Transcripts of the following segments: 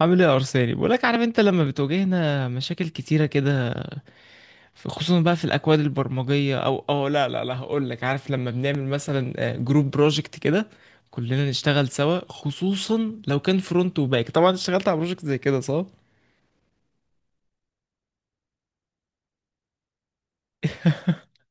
عامل ايه يا ارساني؟ بقولك، عارف انت لما بتواجهنا مشاكل كتيره كده، خصوصا بقى في الاكواد البرمجيه، او لا لا لا، هقول لك. عارف لما بنعمل مثلا جروب بروجكت كده كلنا نشتغل سوا؟ خصوصا لو كان فرونت وباك. طبعا اشتغلت على بروجكت زي كده صح؟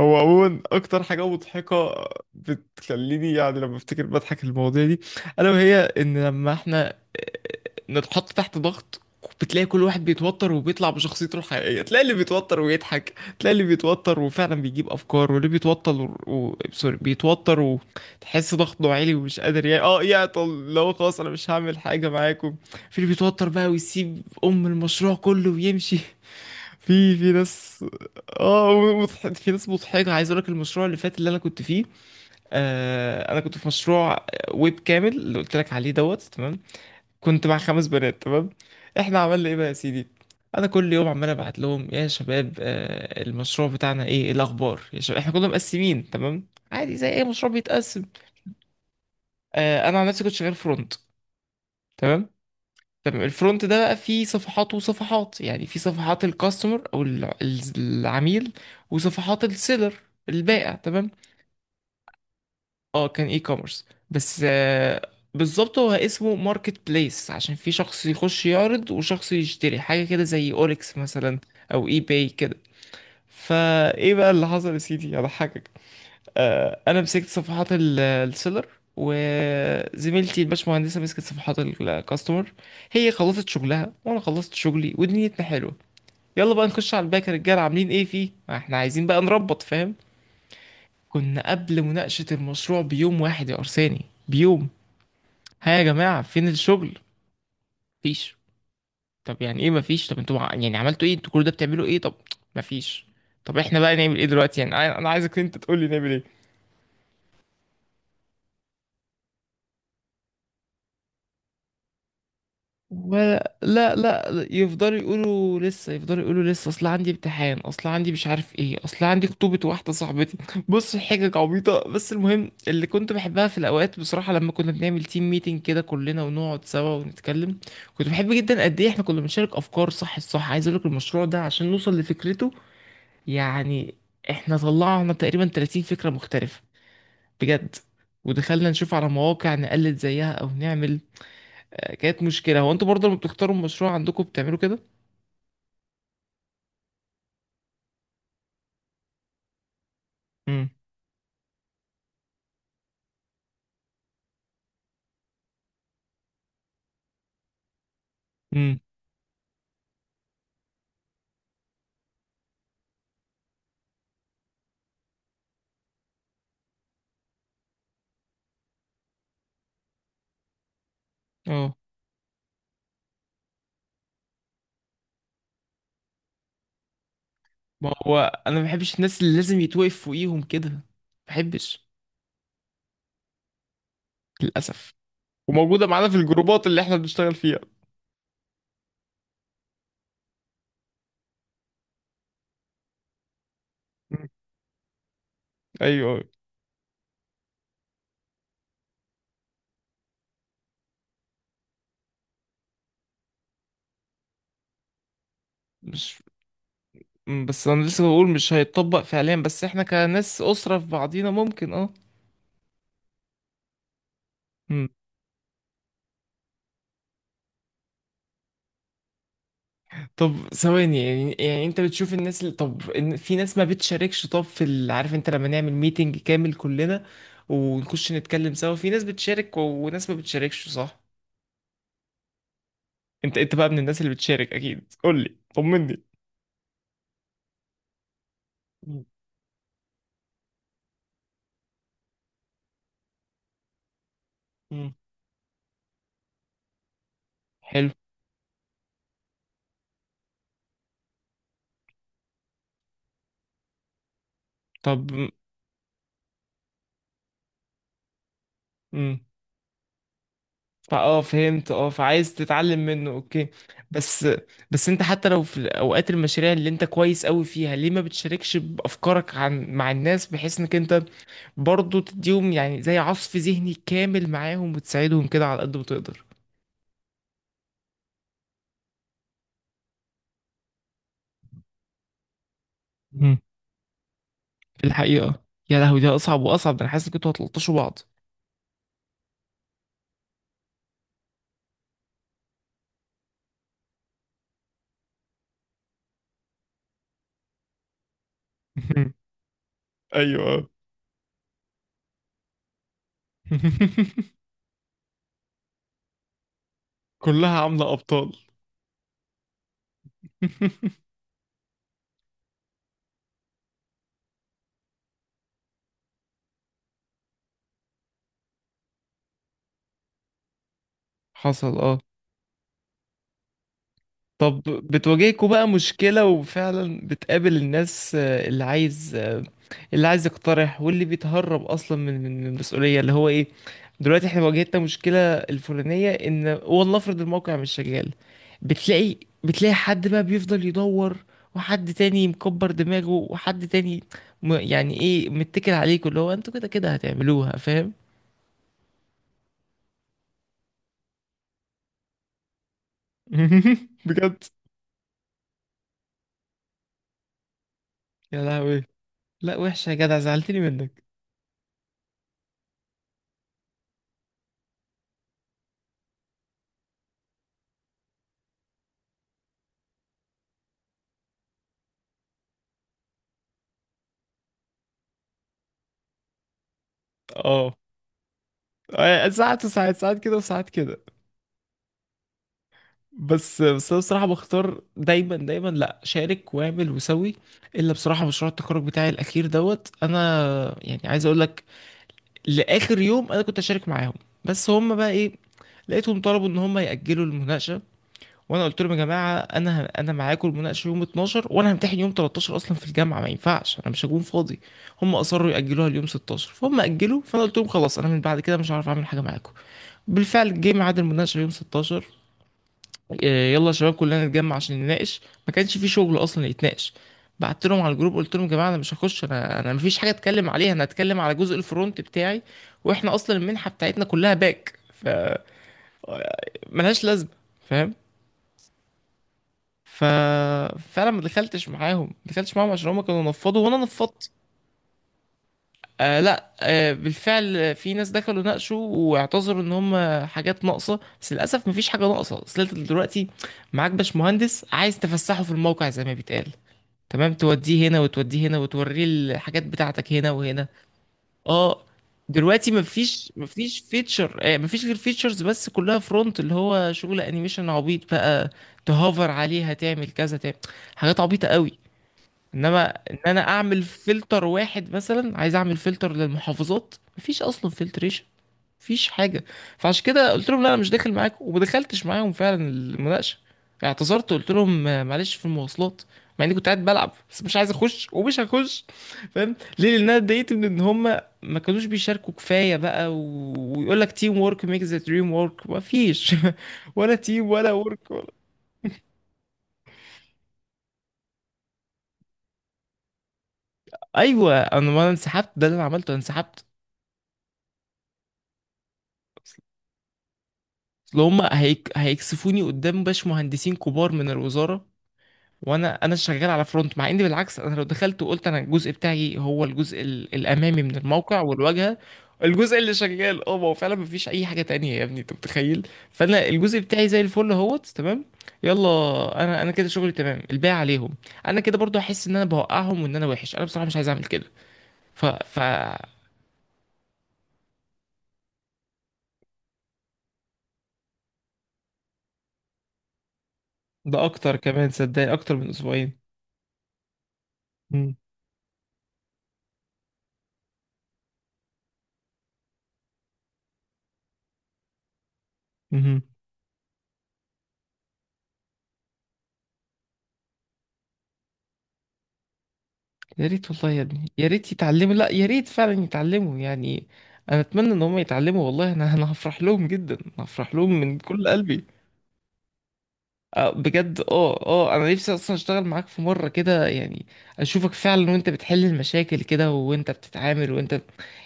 هو عموما اكتر حاجه مضحكه بتخليني يعني لما افتكر بضحك المواضيع دي، الا وهي ان لما احنا نتحط تحت ضغط، بتلاقي كل واحد بيتوتر وبيطلع بشخصيته الحقيقيه. تلاقي اللي بيتوتر ويضحك، تلاقي اللي بيتوتر وفعلا بيجيب افكار، واللي بيتوتر سوري، بيتوتر وتحس ضغطه عالي ومش قادر، يعني يعطل، لو خلاص انا مش هعمل حاجه معاكم. في اللي بيتوتر بقى ويسيب ام المشروع كله ويمشي. في في ناس اه في ناس مضحكه. عايز اقول لك المشروع اللي فات اللي انا كنت فيه. انا كنت في مشروع ويب كامل اللي قلت لك عليه دوت. تمام. كنت مع خمس بنات، تمام. احنا عملنا ايه بقى يا سيدي؟ انا كل يوم عمال ابعت لهم: يا شباب، المشروع بتاعنا ايه؟ إيه الاخبار يا شباب؟ احنا كنا مقسمين تمام، عادي زي اي مشروع بيتقسم. انا عن نفسي كنت شغال فرونت. تمام. تمام. الفرونت ده بقى فيه صفحات وصفحات، يعني في صفحات الكاستمر او العميل، وصفحات السيلر، البائع، تمام. اه، كان اي كوميرس، بس بالظبط هو اسمه ماركت بليس، عشان في شخص يخش يعرض وشخص يشتري حاجه كده، زي اوليكس مثلا، او اي باي كده. فايه بقى اللي حصل يا سيدي؟ اضحكك. انا مسكت صفحات السيلر، وزميلتي الباشمهندسه مسكت صفحات الكاستمر. هي خلصت شغلها وانا خلصت شغلي، ودنيتنا حلوه. يلا بقى نخش على الباك. يا رجاله، عاملين ايه فيه؟ ما احنا عايزين بقى نربط، فاهم. كنا قبل مناقشه المشروع بيوم واحد يا ارساني، بيوم. ها يا جماعه، فين الشغل؟ مفيش. طب يعني ايه مفيش؟ طب انتوا يعني عملتوا ايه؟ انتوا كل ده بتعملوا ايه طب؟ مفيش. طب احنا بقى نعمل ايه دلوقتي؟ يعني انا عايزك انت تقول لي نعمل ايه. ولا، لا لا، يفضلوا يقولوا لسه، يفضلوا يقولوا لسه: اصل عندي امتحان، اصل عندي مش عارف ايه، اصل عندي خطوبة واحدة صاحبتي. بص، حاجة عبيطة. بس المهم، اللي كنت بحبها في الاوقات بصراحة لما كنا بنعمل تيم ميتنج كده كلنا ونقعد سوا ونتكلم، كنت بحب جدا قد ايه احنا كنا بنشارك افكار. صح، الصح عايز اقول لك المشروع ده عشان نوصل لفكرته، يعني احنا طلعنا تقريبا 30 فكرة مختلفة، بجد. ودخلنا نشوف على مواقع نقلد زيها او نعمل. كانت مشكلة. هو انتوا برضه لما بتختاروا المشروع عندكم بتعملوا كده؟ امم. امم. اه. ما هو انا ما بحبش الناس اللي لازم يتوقف فوقيهم كده، ما بحبش. للأسف. وموجودة معانا في الجروبات اللي احنا بنشتغل فيها. مم. ايوه، أيوة. مش، بس انا لسه بقول مش هيتطبق فعليا، بس احنا كناس أسرة في بعضينا ممكن، اه. طب ثواني، يعني انت بتشوف الناس اللي، طب في ناس ما بتشاركش، طب في عارف انت لما نعمل ميتنج كامل كلنا ونخش نتكلم سوا، في ناس بتشارك وناس ما بتشاركش صح؟ انت بقى من الناس اللي بتشارك، اكيد قول لي، طمني. مم. مم. حلو. طب، امم، فهمت، اه، فعايز تتعلم منه، اوكي. بس، بس انت حتى لو في اوقات المشاريع اللي انت كويس قوي فيها ليه ما بتشاركش بافكارك مع الناس، بحيث انك انت برضه تديهم يعني زي عصف ذهني كامل معاهم وتساعدهم كده على قد ما تقدر؟ مهم. في الحقيقة. يا لهوي، ده أصعب وأصعب، ده أنا حاسس إن كنتوا هتلطشوا بعض. مهم. ايوه. كلها عاملة ابطال. حصل، اه. طب بتواجهكوا بقى مشكلة وفعلا بتقابل الناس، اللي عايز، اللي عايز يقترح واللي بيتهرب اصلا من المسؤولية؟ اللي هو ايه، دلوقتي احنا واجهتنا مشكلة الفلانية ان، والله افرض الموقع مش شغال، بتلاقي، حد بقى بيفضل يدور، وحد تاني مكبر دماغه، وحد تاني يعني ايه، متكل عليكوا، اللي هو انتوا كده كده هتعملوها، فاهم. بجد. يا لهوي. لا، وحشة يا جدع، زعلتني منك. اه. ساعات وساعات، ساعات كده وساعات كده. بس، بس انا بصراحه بختار دايما، دايما، لا، شارك واعمل وسوي، الا بصراحه مشروع التخرج بتاعي الاخير دوت. انا يعني عايز اقول لك، لاخر يوم انا كنت اشارك معاهم. بس هم بقى ايه؟ لقيتهم طلبوا ان هم ياجلوا المناقشه. وانا قلت لهم: يا جماعه، انا انا معاكم المناقشه يوم 12 وانا همتحن يوم 13 اصلا في الجامعه، ما ينفعش، انا مش هكون فاضي. هم اصروا ياجلوها ليوم 16، فهم اجلوا، فانا قلت لهم: خلاص انا من بعد كده مش هعرف اعمل حاجه معاكم. بالفعل جه ميعاد المناقشه يوم 16. إيه، يلا يا شباب كلنا نتجمع عشان نناقش. ما كانش في شغل اصلا يتناقش. بعت لهم على الجروب، قلت لهم: يا جماعه، انا مش هخش، انا مفيش حاجه اتكلم عليها، انا هتكلم على جزء الفرونت بتاعي، واحنا اصلا المنحه بتاعتنا كلها باك، فملهاش لازمه، فاهم. ف فانا ما دخلتش معاهم، ما دخلتش معاهم، عشان هما كانوا نفضوا وانا نفضت. آه، لا، آه، بالفعل في ناس دخلوا ناقشوا واعتذروا ان هم حاجات ناقصه، بس للاسف مفيش حاجه ناقصه. اصل انت دلوقتي معاك باش مهندس، عايز تفسحه في الموقع زي ما بيتقال، تمام، توديه هنا وتوديه هنا، وتوريه الحاجات بتاعتك هنا وهنا، اه. دلوقتي مفيش، فيتشر، مفيش غير فيتشرز بس، كلها فرونت، اللي هو شغل انيميشن عبيط بقى، تهوفر عليها تعمل كذا، تعمل حاجات عبيطة قوي. انما ان انا اعمل فلتر واحد، مثلا عايز اعمل فلتر للمحافظات، مفيش اصلا فلتريشن، مفيش حاجه. فعشان كده قلت لهم لا انا مش داخل معاكم، وما دخلتش معاهم فعلا المناقشه. يعني اعتذرت وقلت لهم معلش في المواصلات، مع اني كنت قاعد بلعب، بس مش عايز اخش ومش هخش. فاهم ليه؟ لان انا اتضايقت من ان هم ما كانوش بيشاركوا كفايه بقى، ويقول لك: تيم وورك ميك ذا دريم وورك، ما فيش. ولا تيم ولا وورك ولا... ايوه، انا ما أنا انسحبت، ده اللي انا عملته، انا انسحبت. اصل هم هيكسفوني قدام باش مهندسين كبار من الوزاره. انا شغال على فرونت، مع اني بالعكس انا لو دخلت وقلت انا الجزء بتاعي هو الجزء الامامي من الموقع والواجهه، الجزء اللي شغال. اه، ما هو فعلا مفيش اي حاجه تانية يا ابني، انت متخيل؟ فانا الجزء بتاعي زي الفل اهوت، تمام، يلا. انا كده شغلي تمام، الباقي عليهم. انا كده برضو احس ان انا بوقعهم وان انا وحش، انا بصراحه مش عايز اعمل كده. ف ف ده اكتر كمان، صدقني، اكتر من اسبوعين. مم. مهم. يا ريت والله يا ابني، يا ريت يتعلموا، لا، يا ريت فعلا يتعلموا يعني، انا اتمنى ان هم يتعلموا والله، انا هفرح لهم جدا، هفرح لهم من كل قلبي. بجد، اه، اه، انا نفسي اصلا اشتغل معاك في مره كده يعني، اشوفك فعلا وانت بتحل المشاكل كده، وانت بتتعامل، وانت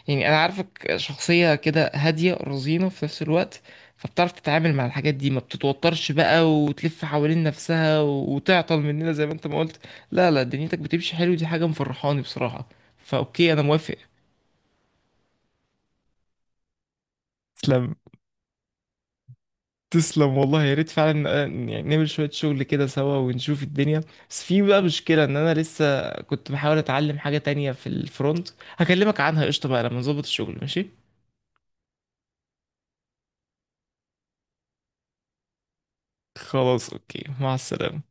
يعني، انا عارفك شخصيه كده هاديه رزينه في نفس الوقت، فبتعرف تتعامل مع الحاجات دي، ما بتتوترش بقى وتلف حوالين نفسها وتعطل مننا زي ما انت ما قلت. لا لا، دنيتك بتمشي حلو، دي حاجه مفرحاني بصراحه. فاوكي، انا موافق. تسلم، تسلم والله، يا ريت فعلا يعني نعمل شوية شغل كده سوا ونشوف الدنيا. بس في بقى مشكلة، ان انا لسه كنت بحاول اتعلم حاجة تانية في الفرونت، هكلمك عنها قشطة بقى لما نظبط الشغل، ماشي. خلاص، اوكي، مع السلامة.